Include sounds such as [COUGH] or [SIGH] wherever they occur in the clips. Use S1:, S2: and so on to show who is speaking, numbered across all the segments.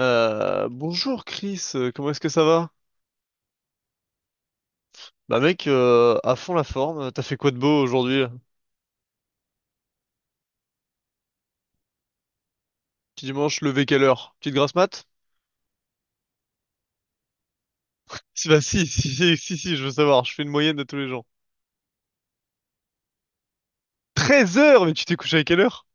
S1: Bonjour Chris, comment est-ce que ça va? Bah mec, à fond la forme, t'as fait quoi de beau aujourd'hui là? Petit dimanche, levé quelle heure? Petite grasse mat? Si bah si, [LAUGHS] si, si, si, si, je veux savoir, je fais une moyenne de tous les gens. 13 heures, mais tu t'es couché à quelle heure?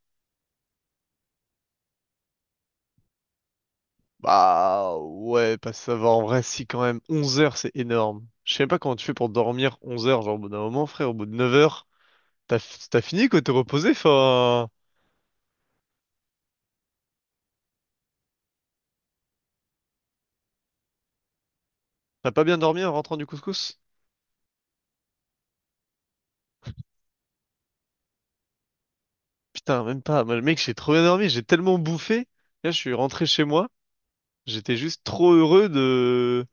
S1: Bah ouais, pas savoir en vrai, si quand même, 11 heures c'est énorme. Je sais même pas comment tu fais pour dormir onze heures, genre au bout d'un moment frère, au bout de 9 heures, t'as t'as fini quoi, t'es reposé, enfin, t'as pas bien dormi en rentrant du couscous? Putain, même pas, moi le mec j'ai trop bien dormi, j'ai tellement bouffé, là je suis rentré chez moi. J'étais juste trop heureux de,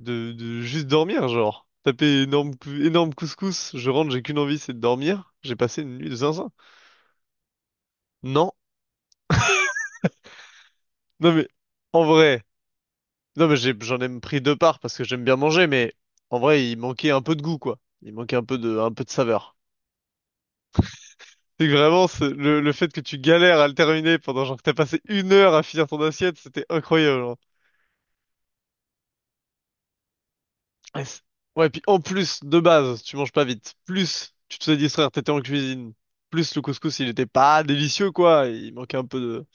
S1: de, de juste dormir, genre. Taper énorme, énorme couscous, je rentre, j'ai qu'une envie, c'est de dormir. J'ai passé une nuit de zinzin. Non, non mais, en vrai, non mais j'en ai pris deux parts parce que j'aime bien manger, mais en vrai, il manquait un peu de goût, quoi. Il manquait un peu de saveur. C'est que vraiment, le fait que tu galères à le terminer pendant genre que t'as passé une heure à finir ton assiette, c'était incroyable, hein. Ouais, ouais, puis en plus, de base, tu manges pas vite. Plus, tu te faisais distraire, t'étais en cuisine. Plus, le couscous, il était pas délicieux, quoi. Il manquait un peu de...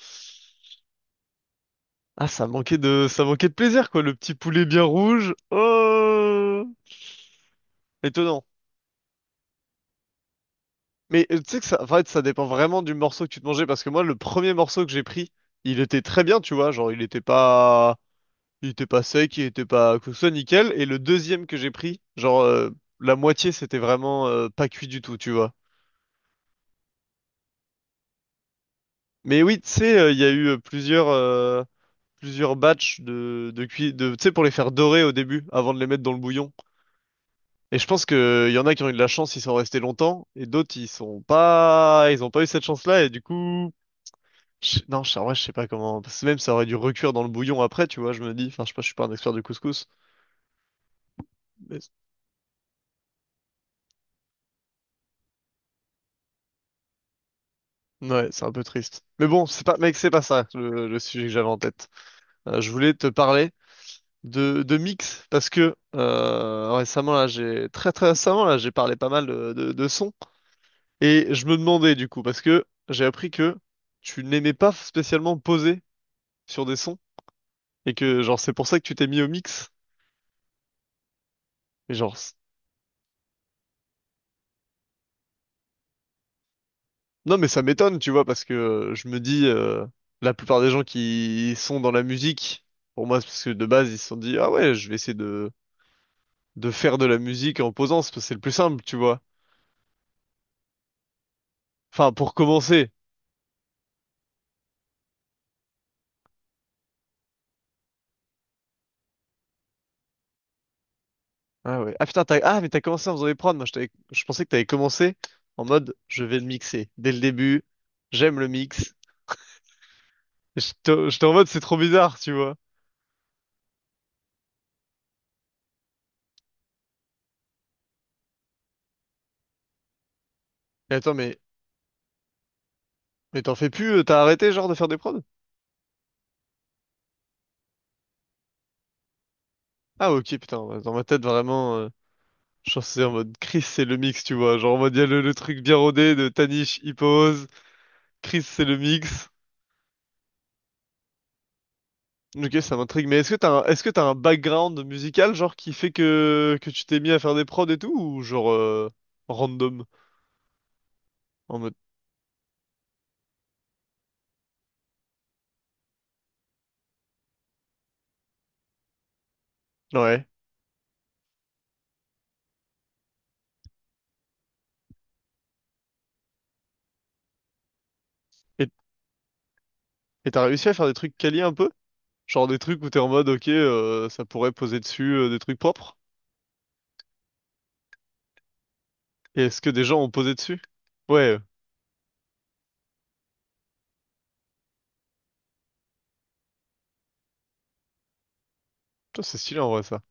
S1: Ah, ça manquait de... Ça manquait de plaisir, quoi. Le petit poulet bien rouge. Oh! Étonnant. Mais tu sais que ça... En fait, ça dépend vraiment du morceau que tu te mangeais. Parce que moi, le premier morceau que j'ai pris, il était très bien, tu vois. Genre, il était pas... Il était pas sec, il était pas... Que ce soit nickel. Et le deuxième que j'ai pris, genre... la moitié, c'était vraiment pas cuit du tout, tu vois. Mais oui, tu sais, il y a eu plusieurs batchs de cuit, de, tu sais, pour les faire dorer au début, avant de les mettre dans le bouillon. Et je pense que il y en a qui ont eu de la chance, ils sont restés longtemps, et d'autres, ils sont pas, ils ont pas eu cette chance-là, et du coup, non, je, en vrai, je sais pas comment, parce que même ça aurait dû recuire dans le bouillon après, tu vois, je me dis, enfin, je sais pas, je suis pas un expert du couscous, mais ouais, c'est un peu triste. Mais bon, c'est pas, mec, c'est pas ça, le sujet que j'avais en tête. Je voulais te parler de mix parce que récemment là j'ai très très récemment là j'ai parlé pas mal de sons, et je me demandais du coup parce que j'ai appris que tu n'aimais pas spécialement poser sur des sons et que genre c'est pour ça que tu t'es mis au mix. Et genre non mais ça m'étonne tu vois parce que je me dis la plupart des gens qui sont dans la musique, pour moi c'est parce que de base ils se sont dit ah ouais je vais essayer de faire de la musique en posant, c'est parce que c'est le plus simple tu vois, enfin pour commencer. Ah ouais. Ah putain, t'as... Ah, mais t'as commencé en faisant des prods. Moi, je pensais que t'avais commencé en mode je vais le mixer. Dès le début, j'aime le mix. J'étais en mode c'est trop bizarre, tu vois. Et attends, mais t'en fais plus, t'as arrêté genre de faire des prods? Ah ok, putain, ouais, dans ma tête vraiment, je pensais en mode Chris c'est le mix, tu vois. Genre en mode il y a le truc bien rodé de Tanish, il pose, Chris c'est le mix. Ok, ça m'intrigue, mais est-ce que t'as un background musical genre qui fait que tu t'es mis à faire des prods et tout, ou genre random? En mode... Ouais. Et et t'as réussi à faire des trucs quali un peu? Genre des trucs où t'es en mode, ok, ça pourrait poser dessus des trucs propres? Et est-ce que des gens ont posé dessus? Ouais, putain, c'est stylé en vrai ça.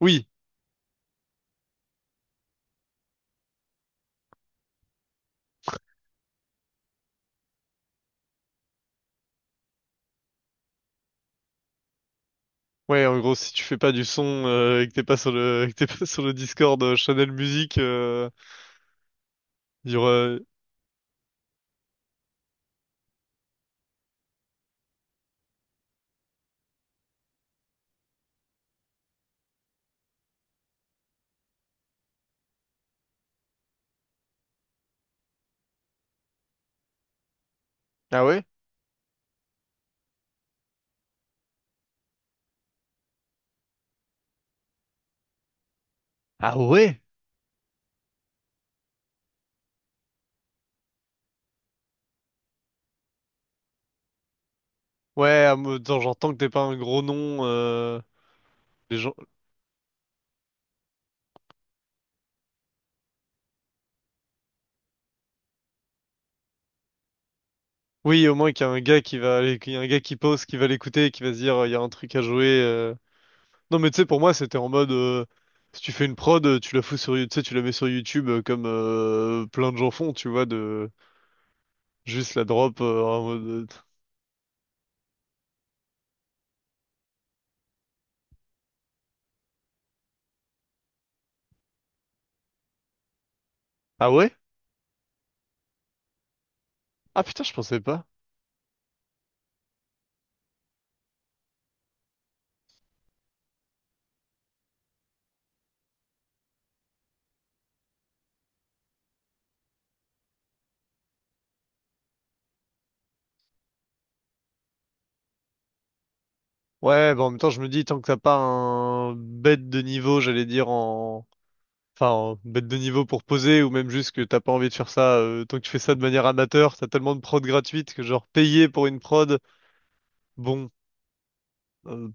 S1: Oui, ouais, en gros, si tu fais pas du son et que t'es pas sur le, [LAUGHS] et que t'es pas sur le Discord Channel musique il y aura- Ah ouais? Ah ouais? Ouais, en mode, genre, j'entends que t'es pas un gros nom. Les gens... Oui, au moins qu'il y a un gars qu'il y a un gars qui pose, qui va l'écouter et qui va se dire, il y a un truc à jouer. Non mais tu sais pour moi c'était en mode si tu fais une prod tu la fous sur tu sais tu la mets sur YouTube comme plein de gens font tu vois de juste la drop en mode Ah ouais? Ah putain je pensais pas. Ouais bah en même temps je me dis tant que t'as pas un bête de niveau j'allais dire en enfin en bête de niveau pour poser ou même juste que t'as pas envie de faire ça tant que tu fais ça de manière amateur t'as tellement de prod gratuites que genre payer pour une prod bon euh,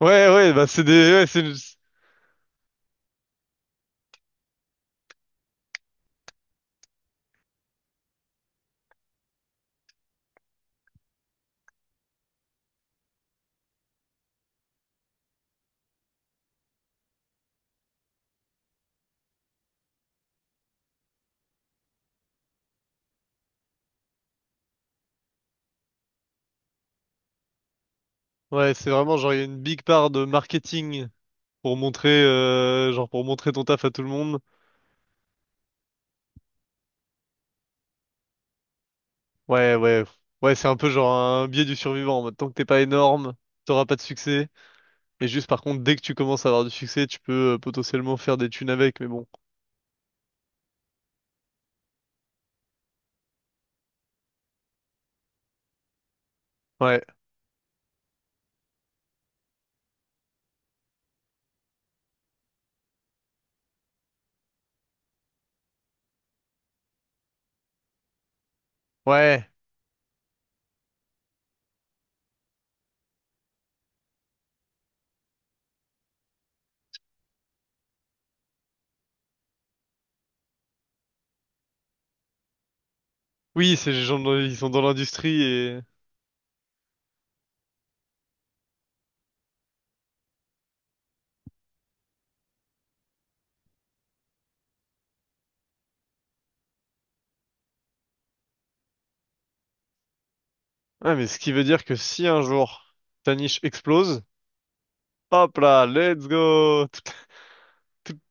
S1: ouais ouais bah c'est des ouais c'est vraiment genre il y a une big part de marketing pour montrer genre pour montrer ton taf à tout le monde. Ouais, ouais. Ouais, c'est un peu genre un biais du survivant, en mode, tant que t'es pas énorme, t'auras pas de succès. Et juste par contre, dès que tu commences à avoir du succès, tu peux potentiellement faire des thunes avec, mais bon. Ouais. Ouais. Oui, ces gens ils sont dans l'industrie et ouais, mais ce qui veut dire que si un jour ta niche explose, hop là, let's go. Tout-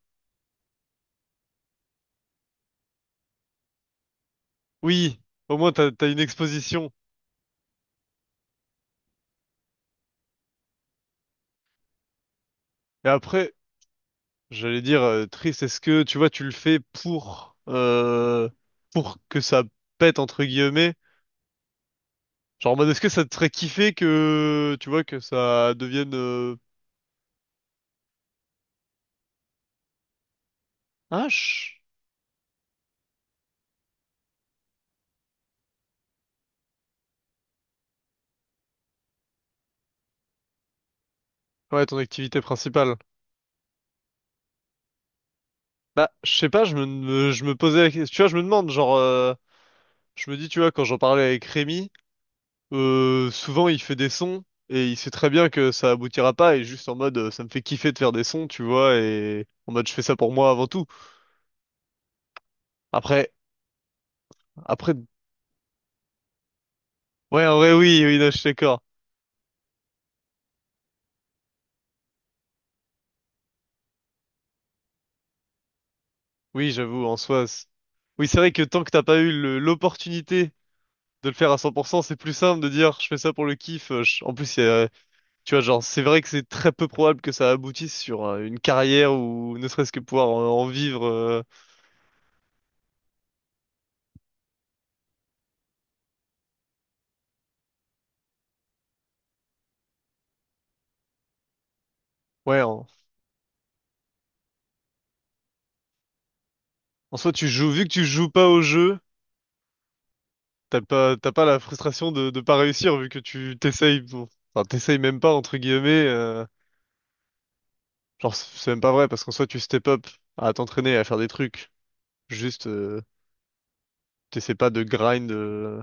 S1: Oui, au moins t'as une exposition. Et après, j'allais dire triste, est-ce que tu vois, tu le fais pour que ça pète entre guillemets? Genre en mode est-ce que ça te ferait kiffer que tu vois que ça devienne un Ouais, ton activité principale. Bah, je sais pas, je me posais la question, tu vois, je me demande, genre je me dis, tu vois, quand j'en parlais avec Rémi, souvent il fait des sons et il sait très bien que ça aboutira pas et juste en mode ça me fait kiffer de faire des sons, tu vois, et en mode je fais ça pour moi avant tout. Après, après Ouais, en vrai, oui, oui, non, je suis d'accord. Oui, j'avoue, en soi. Oui, c'est vrai que tant que t'as pas eu l'opportunité de le faire à 100%, c'est plus simple de dire je fais ça pour le kiff. En plus, tu vois, genre, c'est vrai que c'est très peu probable que ça aboutisse sur une carrière ou ne serait-ce que pouvoir en vivre. Ouais, en soi, tu joues, vu que tu joues pas au jeu, t'as pas la frustration de pas réussir vu que tu t'essayes, bon, enfin, t'essayes même pas, entre guillemets. Genre, c'est même pas vrai parce qu'en soi, tu step up à t'entraîner, à faire des trucs. Juste. T'essaies pas de grind.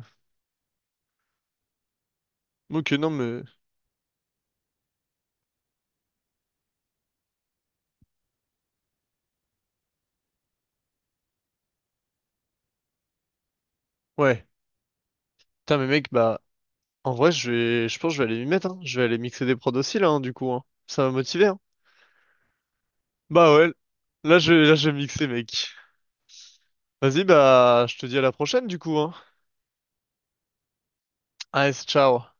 S1: Ok, non, mais. Ouais. Putain, mais mec, bah. En vrai, je vais. Je pense que je vais aller m'y mettre, hein. Je vais aller mixer des prods aussi, là, hein, du coup, hein. Ça va motiver, hein. Bah ouais. Là, je vais mixer, mec. Vas-y, bah. Je te dis à la prochaine, du coup, hein. Allez, ciao.